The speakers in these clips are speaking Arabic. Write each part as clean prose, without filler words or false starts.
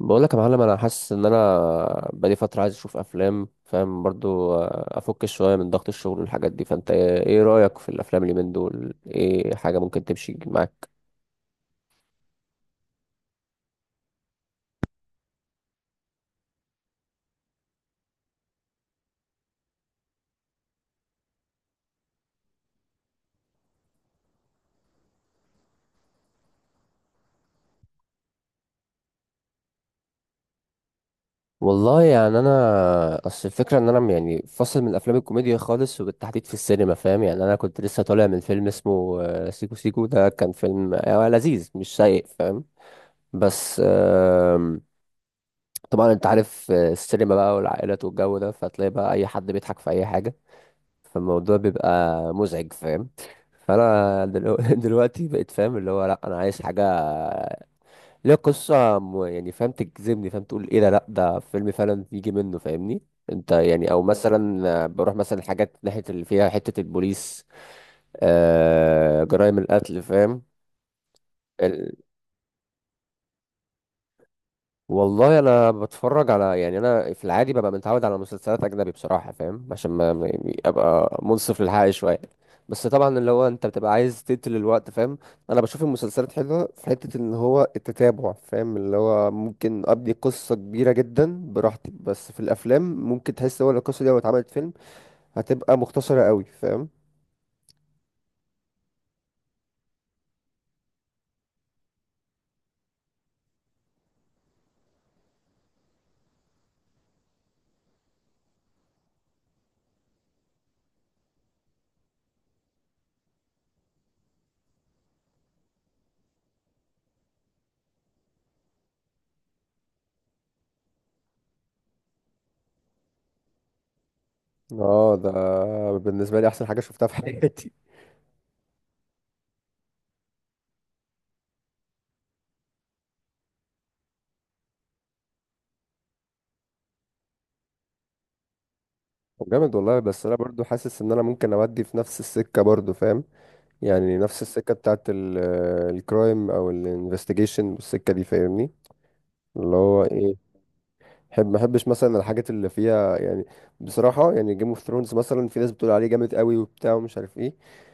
بقول لك يا معلم، انا حاسس ان انا بقالي فتره عايز اشوف افلام، فاهم؟ برضو افك شويه من ضغط الشغل والحاجات دي. فانت إيه رايك في الافلام اللي من دول؟ ايه حاجه ممكن تمشي معاك؟ والله يعني انا اصل الفكره ان انا يعني فاصل من الافلام الكوميديا خالص، وبالتحديد في السينما، فاهم؟ يعني انا كنت لسه طالع من فيلم اسمه سيكو سيكو. ده كان فيلم لذيذ، مش سيء، فاهم؟ بس طبعا انت عارف السينما بقى والعائلات والجو ده، فتلاقي بقى اي حد بيضحك في اي حاجه، فالموضوع بيبقى مزعج، فاهم؟ فانا دلوقتي بقيت فاهم اللي هو لا، انا عايز حاجه ليها قصه، يعني فاهم، تجذبني، فاهم؟ تقول ايه ده؟ لا، ده فيلم فعلا، يجي منه، فاهمني؟ انت يعني. او مثلا بروح مثلا حاجات ناحيه اللي فيها حته البوليس، آه، جرائم القتل، فاهم؟ والله انا بتفرج على، يعني انا في العادي ببقى متعود على مسلسلات اجنبي بصراحه، فاهم؟ عشان يعني ابقى منصف للحق شويه. بس طبعا اللي هو انت بتبقى عايز تقتل الوقت، فاهم؟ انا بشوف المسلسلات حلوه في حته ان هو التتابع، فاهم؟ اللي هو ممكن ابني قصه كبيره جدا براحتي، بس في الافلام ممكن تحس هو لو القصه دي لو اتعملت فيلم هتبقى مختصره قوي، فاهم؟ اه، ده بالنسبه لي احسن حاجه شفتها في حياتي. طب جامد والله. بس انا برضو حاسس ان انا ممكن اودي في نفس السكه برضو، فاهم؟ يعني نفس السكة بتاعت الكرايم او الانفستيجيشن والسكة دي، فاهمني؟ اللي هو ايه، بحب. ما بحبش مثلا الحاجات اللي فيها يعني، بصراحة يعني جيم اوف ثرونز مثلا، في ناس بتقول عليه جامد قوي وبتاع ومش عارف ايه.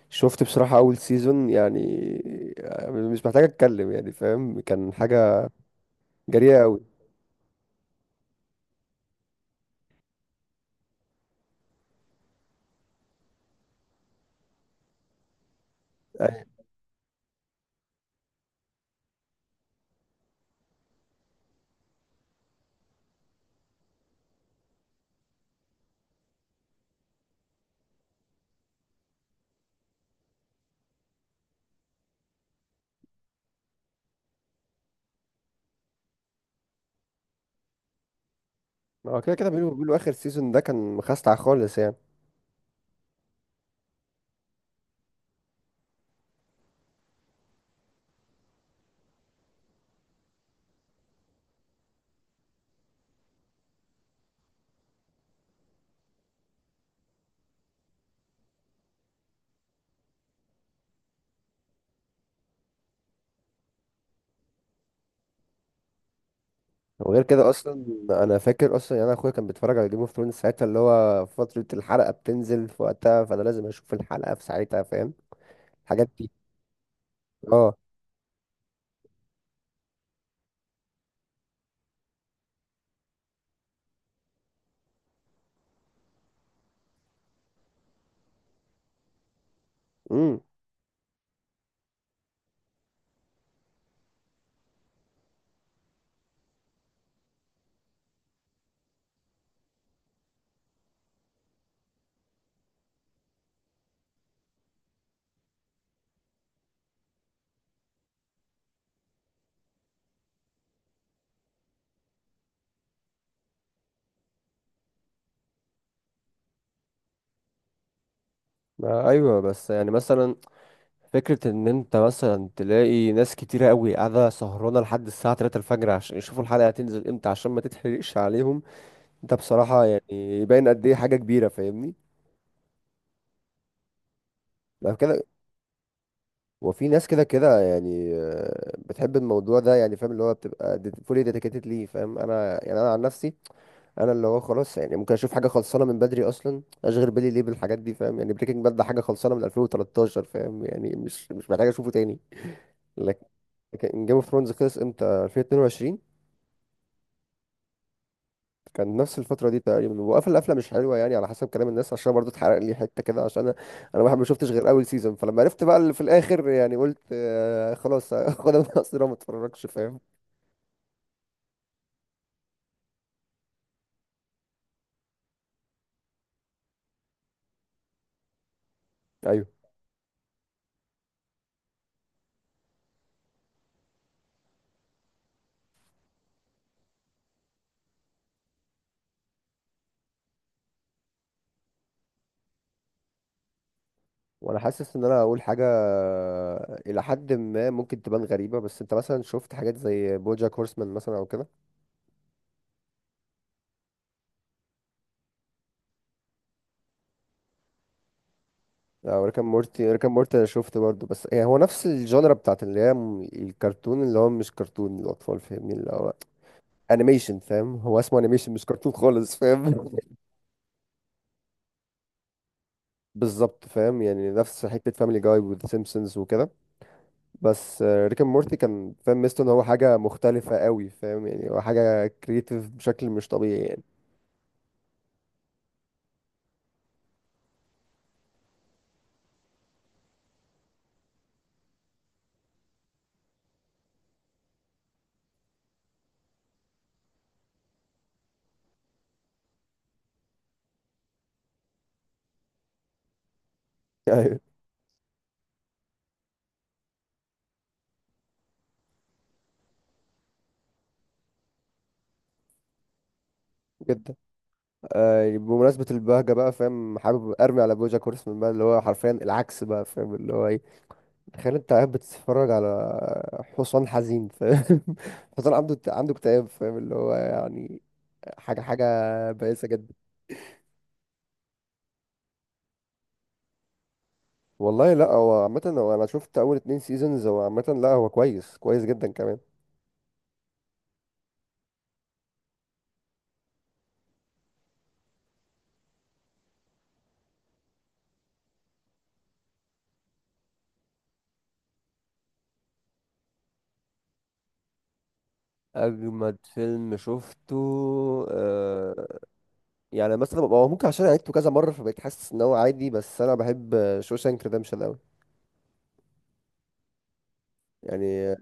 شفت بصراحة اول سيزون، يعني مش محتاج اتكلم، يعني فاهم كان حاجة جريئة قوي. هو كده كده بيقولوا، اخر سيزون ده كان مخستع خالص يعني. وغير كده اصلا، انا فاكر اصلا يعني انا اخويا كان بيتفرج على جيم اوف ثرونز ساعتها، اللي هو فتره الحلقه بتنزل في وقتها، فانا لازم اشوف الحلقه في ساعتها، فاهم؟ الحاجات دي. اه. امم. ما ايوه بس يعني مثلا، فكره ان انت مثلا تلاقي ناس كتيره قوي قاعده سهرانه لحد الساعه 3 الفجر عشان يشوفوا الحلقه هتنزل امتى، عشان ما تتحرقش عليهم، ده بصراحه يعني يبين قد ايه حاجه كبيره، فاهمني؟ لو كده. وفي ناس كده كده يعني بتحب الموضوع ده يعني، فاهم؟ اللي هو بتبقى فولي ديديكيتد ليه، فاهم؟ انا يعني انا عن نفسي، انا اللي هو خلاص يعني ممكن اشوف حاجه خلصانه من بدري، اصلا اشغل بالي ليه بالحاجات دي؟ فاهم يعني؟ بريكنج باد ده حاجه خلصانه من 2013، فاهم يعني؟ مش محتاج اشوفه تاني. لكن جيم اوف ثرونز خلص امتى، 2022؟ كان نفس الفترة دي تقريبا، وقفل قفلة مش حلوة يعني على حسب كلام الناس، عشان برضو اتحرق لي حتة كده، عشان انا واحد ما شفتش غير اول سيزون، فلما عرفت بقى اللي في الاخر، يعني قلت آه خلاص، خدها من قصيرة، ما اتفرجش، فاهم؟ ايوه. وانا حاسس ان انا هقول حاجة الى حد ما ممكن تبان غريبة، بس انت مثلا شفت حاجات زي بوجاك هورسمان مثلا او كده؟ او ريكان مورتي. ريكان مورتي انا شفت برضو، بس يعني هو نفس الجانرا بتاعت اللي هي، الكرتون اللي هو مش كرتون الاطفال، فاهمني؟ اللي هو انيميشن، فاهم؟ هو اسمه انيميشن مش كرتون خالص، فاهم؟ بالظبط فاهم، يعني نفس حته فاميلي جاي والسيمبسونز وكده. بس ريك اند مورتي كان فاهم ميزته ان هو حاجه مختلفه قوي، فاهم؟ يعني هو حاجه كريتيف بشكل مش طبيعي يعني. ايوه جدا. آه يعني بمناسبه البهجه بقى، فاهم؟ حابب ارمي على بوجاك هورسمان بقى، اللي هو حرفيا العكس بقى، فاهم؟ اللي هو ايه، تخيل انت قاعد بتتفرج على حصان حزين، فاهم؟ حصان عنده اكتئاب، فاهم؟ اللي هو يعني حاجه، بائسه جدا. والله لا، هو عامة هو أنا شفت أول اتنين سيزونز، هو عامة لا، هو كويس، كويس جدا كمان. اجمد فيلم شفته، آه يعني مثلا هو ممكن، عشان عدته كذا مره فبقيت حاسس ان هو عادي، بس انا بحب شوشانك ريدمشن قوي يعني.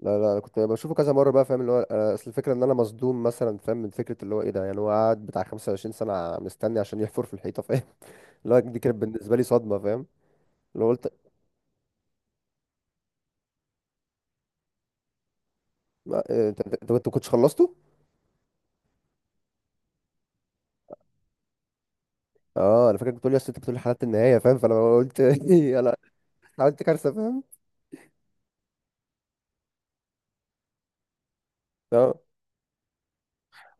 لا لا، انا كنت بشوفه كذا مره بقى، فاهم؟ اللي هو أنا اصل الفكره ان انا مصدوم مثلا، فاهم؟ من فكره اللي هو ايه ده، يعني هو قعد بتاع 25 سنه مستني عشان يحفر في الحيطه، فاهم؟ اللي هو دي كانت بالنسبه لي صدمه، فاهم؟ اللي هو قلت، ما- إيه، انت أنت ما كنتش خلصته. اه انا فاكرك بتقول لي، اصل انت بتقول لي حلقه النهايه، فاهم؟ فانا قلت انا عملت كارثه، فاهم؟ اه.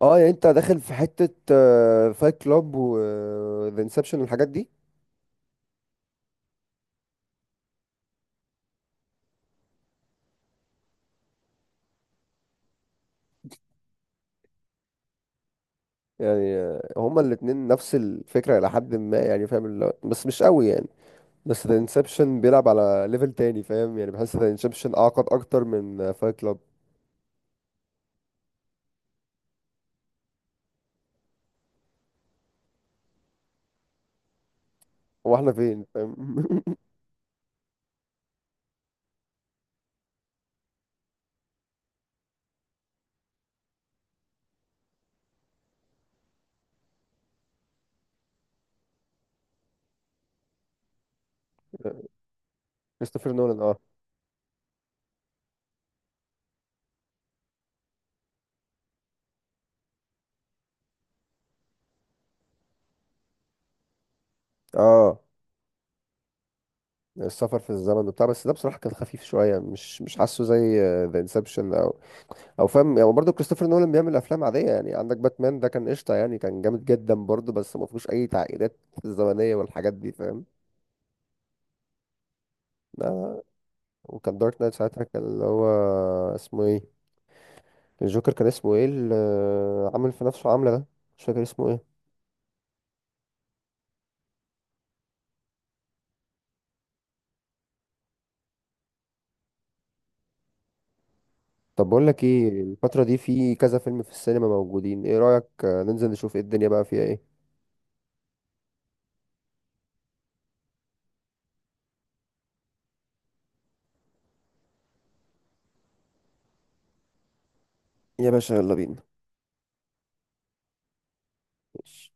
اه يعني انت داخل في حته فايت كلاب وذا انسبشن والحاجات دي. يعني هما الاتنين نفس الفكره الى حد ما، يعني فاهم اللي هو، بس مش قوي يعني. بس ذا انسبشن بيلعب على ليفل تاني، فاهم؟ يعني بحس ذا انسبشن اعقد اكتر من فايت كلاب. هو احنا فين، فاهم؟ كريستوفر نولان، اه. اه، السفر في الزمن وبتاع، بس ده بصراحه كان خفيف شويه، مش حاسه زي ذا انسبشن، او فاهم يعني؟ برضه كريستوفر نولان بيعمل افلام عاديه، يعني عندك باتمان ده كان قشطه يعني، كان جامد جدا برضه، بس ما فيهوش اي تعقيدات الزمنيه والحاجات دي، فاهم؟ لا. وكان دارك نايت ساعتها، كان اللي هو اسمه ايه، الجوكر، كان اسمه ايه اللي عامل في نفسه عامله ده؟ مش فاكر اسمه ايه. طب بقول لك ايه، الفتره دي في كذا فيلم في السينما موجودين، ايه رايك ننزل نشوف ايه الدنيا بقى فيها ايه؟ يا باشا يلا بينا. ماشي.